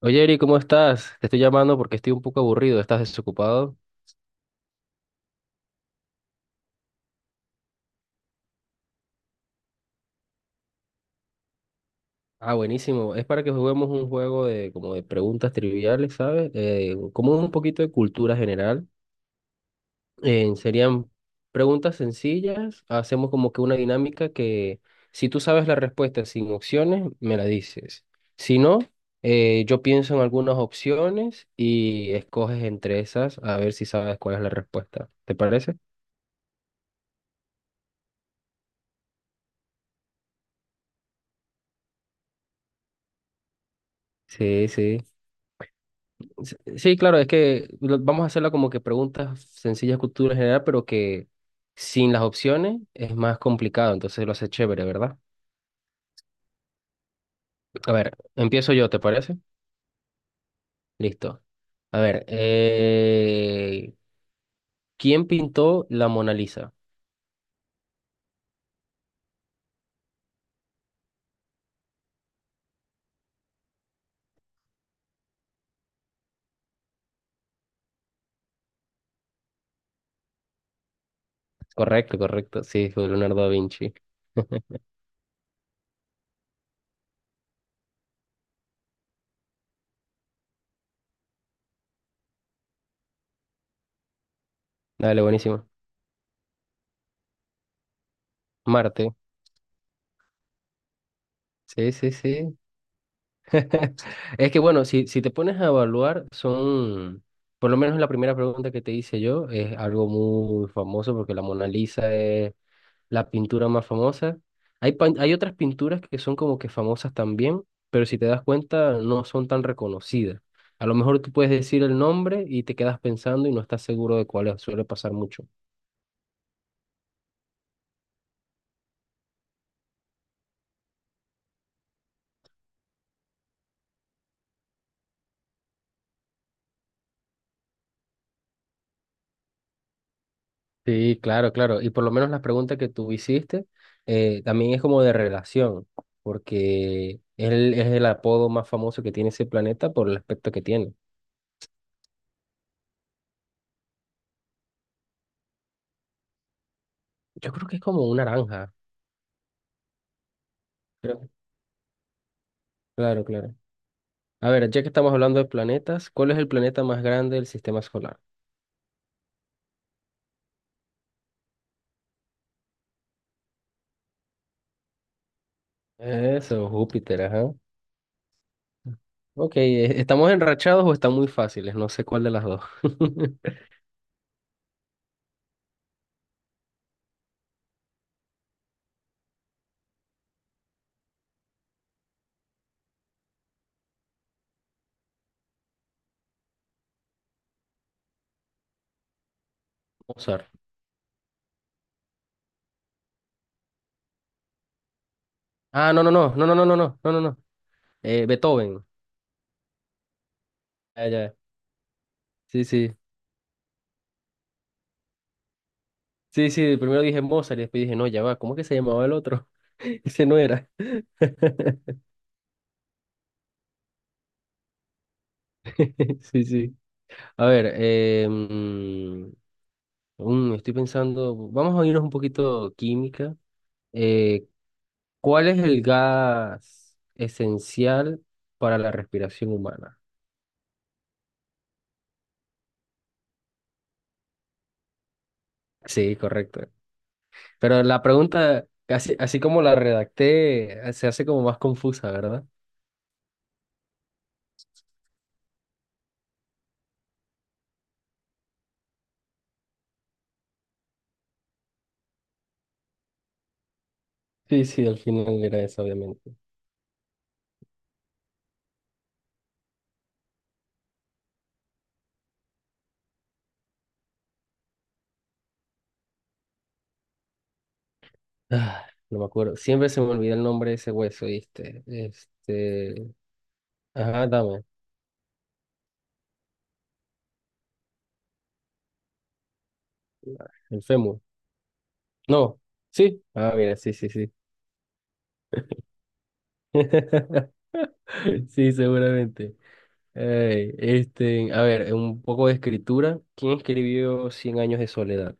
Oye, Eri, ¿cómo estás? Te estoy llamando porque estoy un poco aburrido. ¿Estás desocupado? Ah, buenísimo. Es para que juguemos un juego de como de preguntas triviales, ¿sabes? Como un poquito de cultura general. Serían preguntas sencillas. Hacemos como que una dinámica que si tú sabes la respuesta sin opciones, me la dices. Si no, yo pienso en algunas opciones y escoges entre esas a ver si sabes cuál es la respuesta. ¿Te parece? Sí, sí. Sí, sí, claro, es que vamos a hacerla como que preguntas sencillas, cultura general, pero que sin las opciones es más complicado, entonces lo hace chévere, ¿verdad? A ver, empiezo yo, ¿te parece? Listo. A ver, ¿quién pintó la Mona Lisa? Correcto, correcto, sí, fue Leonardo da Vinci. Dale, buenísimo. Marte, sí, sí, sí. Es que bueno, si te pones a evaluar, son, por lo menos la primera pregunta que te hice yo, es algo muy famoso porque la Mona Lisa es la pintura más famosa. Hay, hay otras pinturas que son como que famosas también, pero si te das cuenta, no son tan reconocidas. A lo mejor tú puedes decir el nombre y te quedas pensando y no estás seguro de cuál es, suele pasar mucho. Sí, claro, claro. Y por lo menos la pregunta que tú hiciste también es como de relación, porque él es el apodo más famoso que tiene ese planeta por el aspecto que tiene. Yo creo que es como una naranja. Creo. Claro, claro. A ver, ya que estamos hablando de planetas, ¿cuál es el planeta más grande del sistema solar? Eso, Júpiter, ajá. Ok, ¿estamos enrachados o están muy fáciles? No sé cuál de las dos. Mozart. Ah, no, no, no, no, no, no, no, no, no, no, no. Beethoven. Ah, ya. Sí, sí. Sí, sí, primero dije Mozart y después dije, no, ya va, ¿cómo que se llamaba el otro? Ese no era. Sí, sí. A ver, estoy pensando, vamos a irnos un poquito química. Eh, ¿Cuál es el gas esencial para la respiración humana? Sí, correcto. Pero la pregunta, así, así como la redacté, se hace como más confusa, ¿verdad? Sí, sí, al final era eso, obviamente. Ah, no me acuerdo. Siempre se me olvida el nombre de ese hueso, ¿viste? Este. Ajá, dame. El fémur. No. Sí. Ah, mira, sí, sí, sí. Sí, seguramente. Ey, este, a ver, un poco de escritura. ¿Quién escribió Cien años de soledad?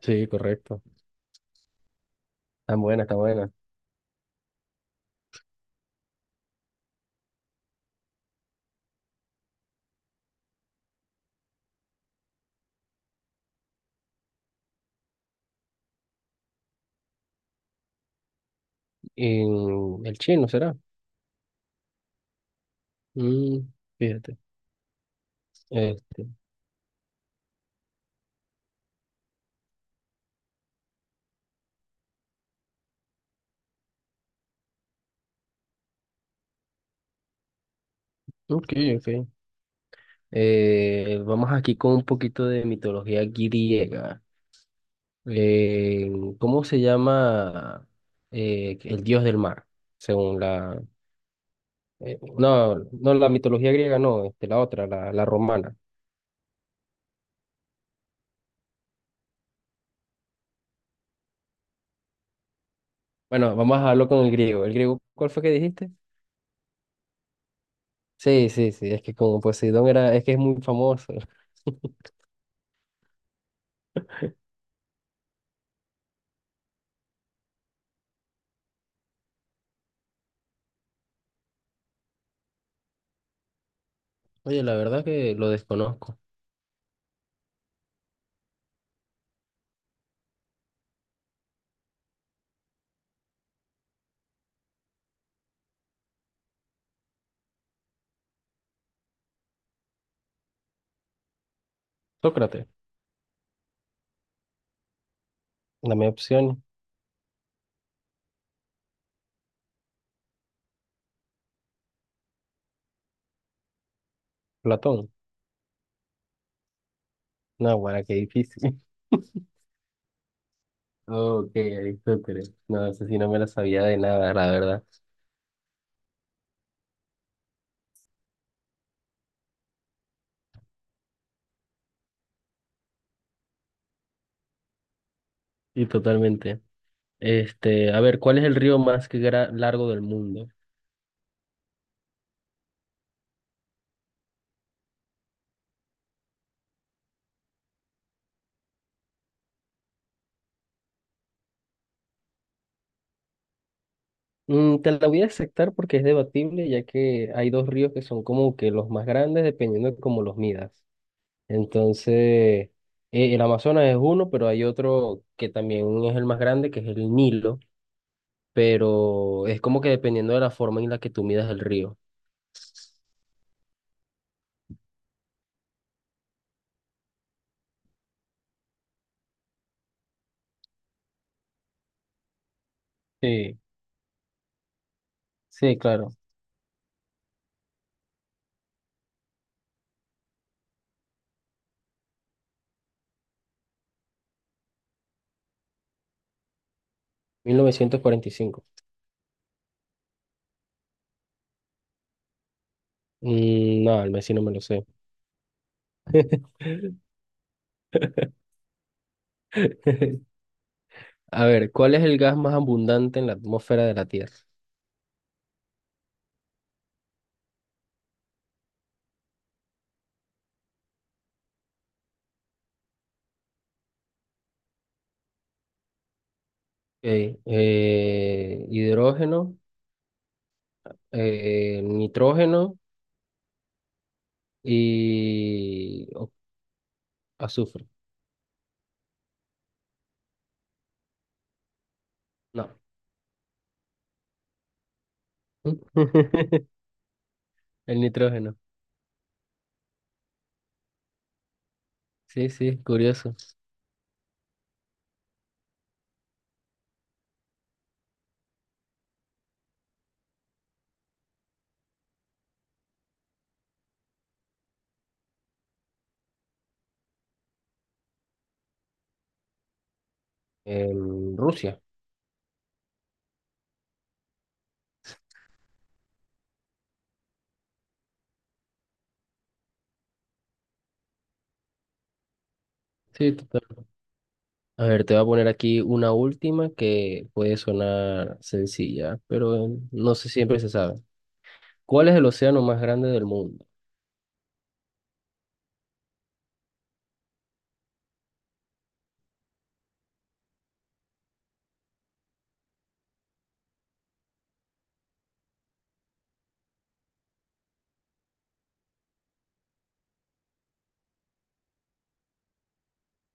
Sí, correcto. Está buena, está buena. En el chino será. Mm, fíjate. Este, ok, ok. Vamos aquí con un poquito de mitología griega. Eh, ¿Cómo se llama el dios del mar? Según la... no, no la mitología griega, no, este, la otra, la romana. Bueno, vamos a hablar con el griego. ¿El griego cuál fue que dijiste? Sí, sí, sí, es que como Poseidón era, es que es muy famoso. Oye, la verdad que lo desconozco. Sócrates, dame opción. Platón. No, bueno, qué difícil. Ok, Aristóteles. No, sé si no me la sabía de nada, la verdad. Y totalmente. Este, a ver, ¿cuál es el río más que largo del mundo? Mm, te la voy a aceptar porque es debatible, ya que hay dos ríos que son como que los más grandes dependiendo de cómo los midas. Entonces, el Amazonas es uno, pero hay otro que también es el más grande, que es el Nilo, pero es como que dependiendo de la forma en la que tú midas el río. Sí, sí, claro. 1945. Mm, no, el Messi no me lo sé. A ver, ¿cuál es el gas más abundante en la atmósfera de la Tierra? Ok, hidrógeno, nitrógeno y azufre. No. El nitrógeno. Sí, sí, curioso. En Rusia. Sí, total. A ver, te voy a poner aquí una última que puede sonar sencilla, pero no sé siempre se sabe. ¿Cuál es el océano más grande del mundo?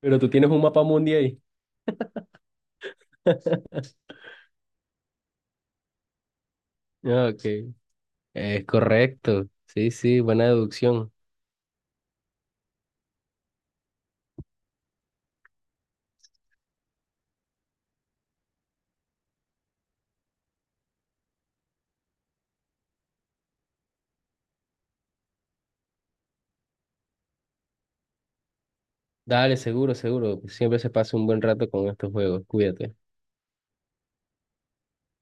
Pero tú tienes un mapa mundial ahí. Ah, ok, es correcto. Sí, sí, buena deducción. Dale, seguro, seguro. Siempre se pasa un buen rato con estos juegos. Cuídate.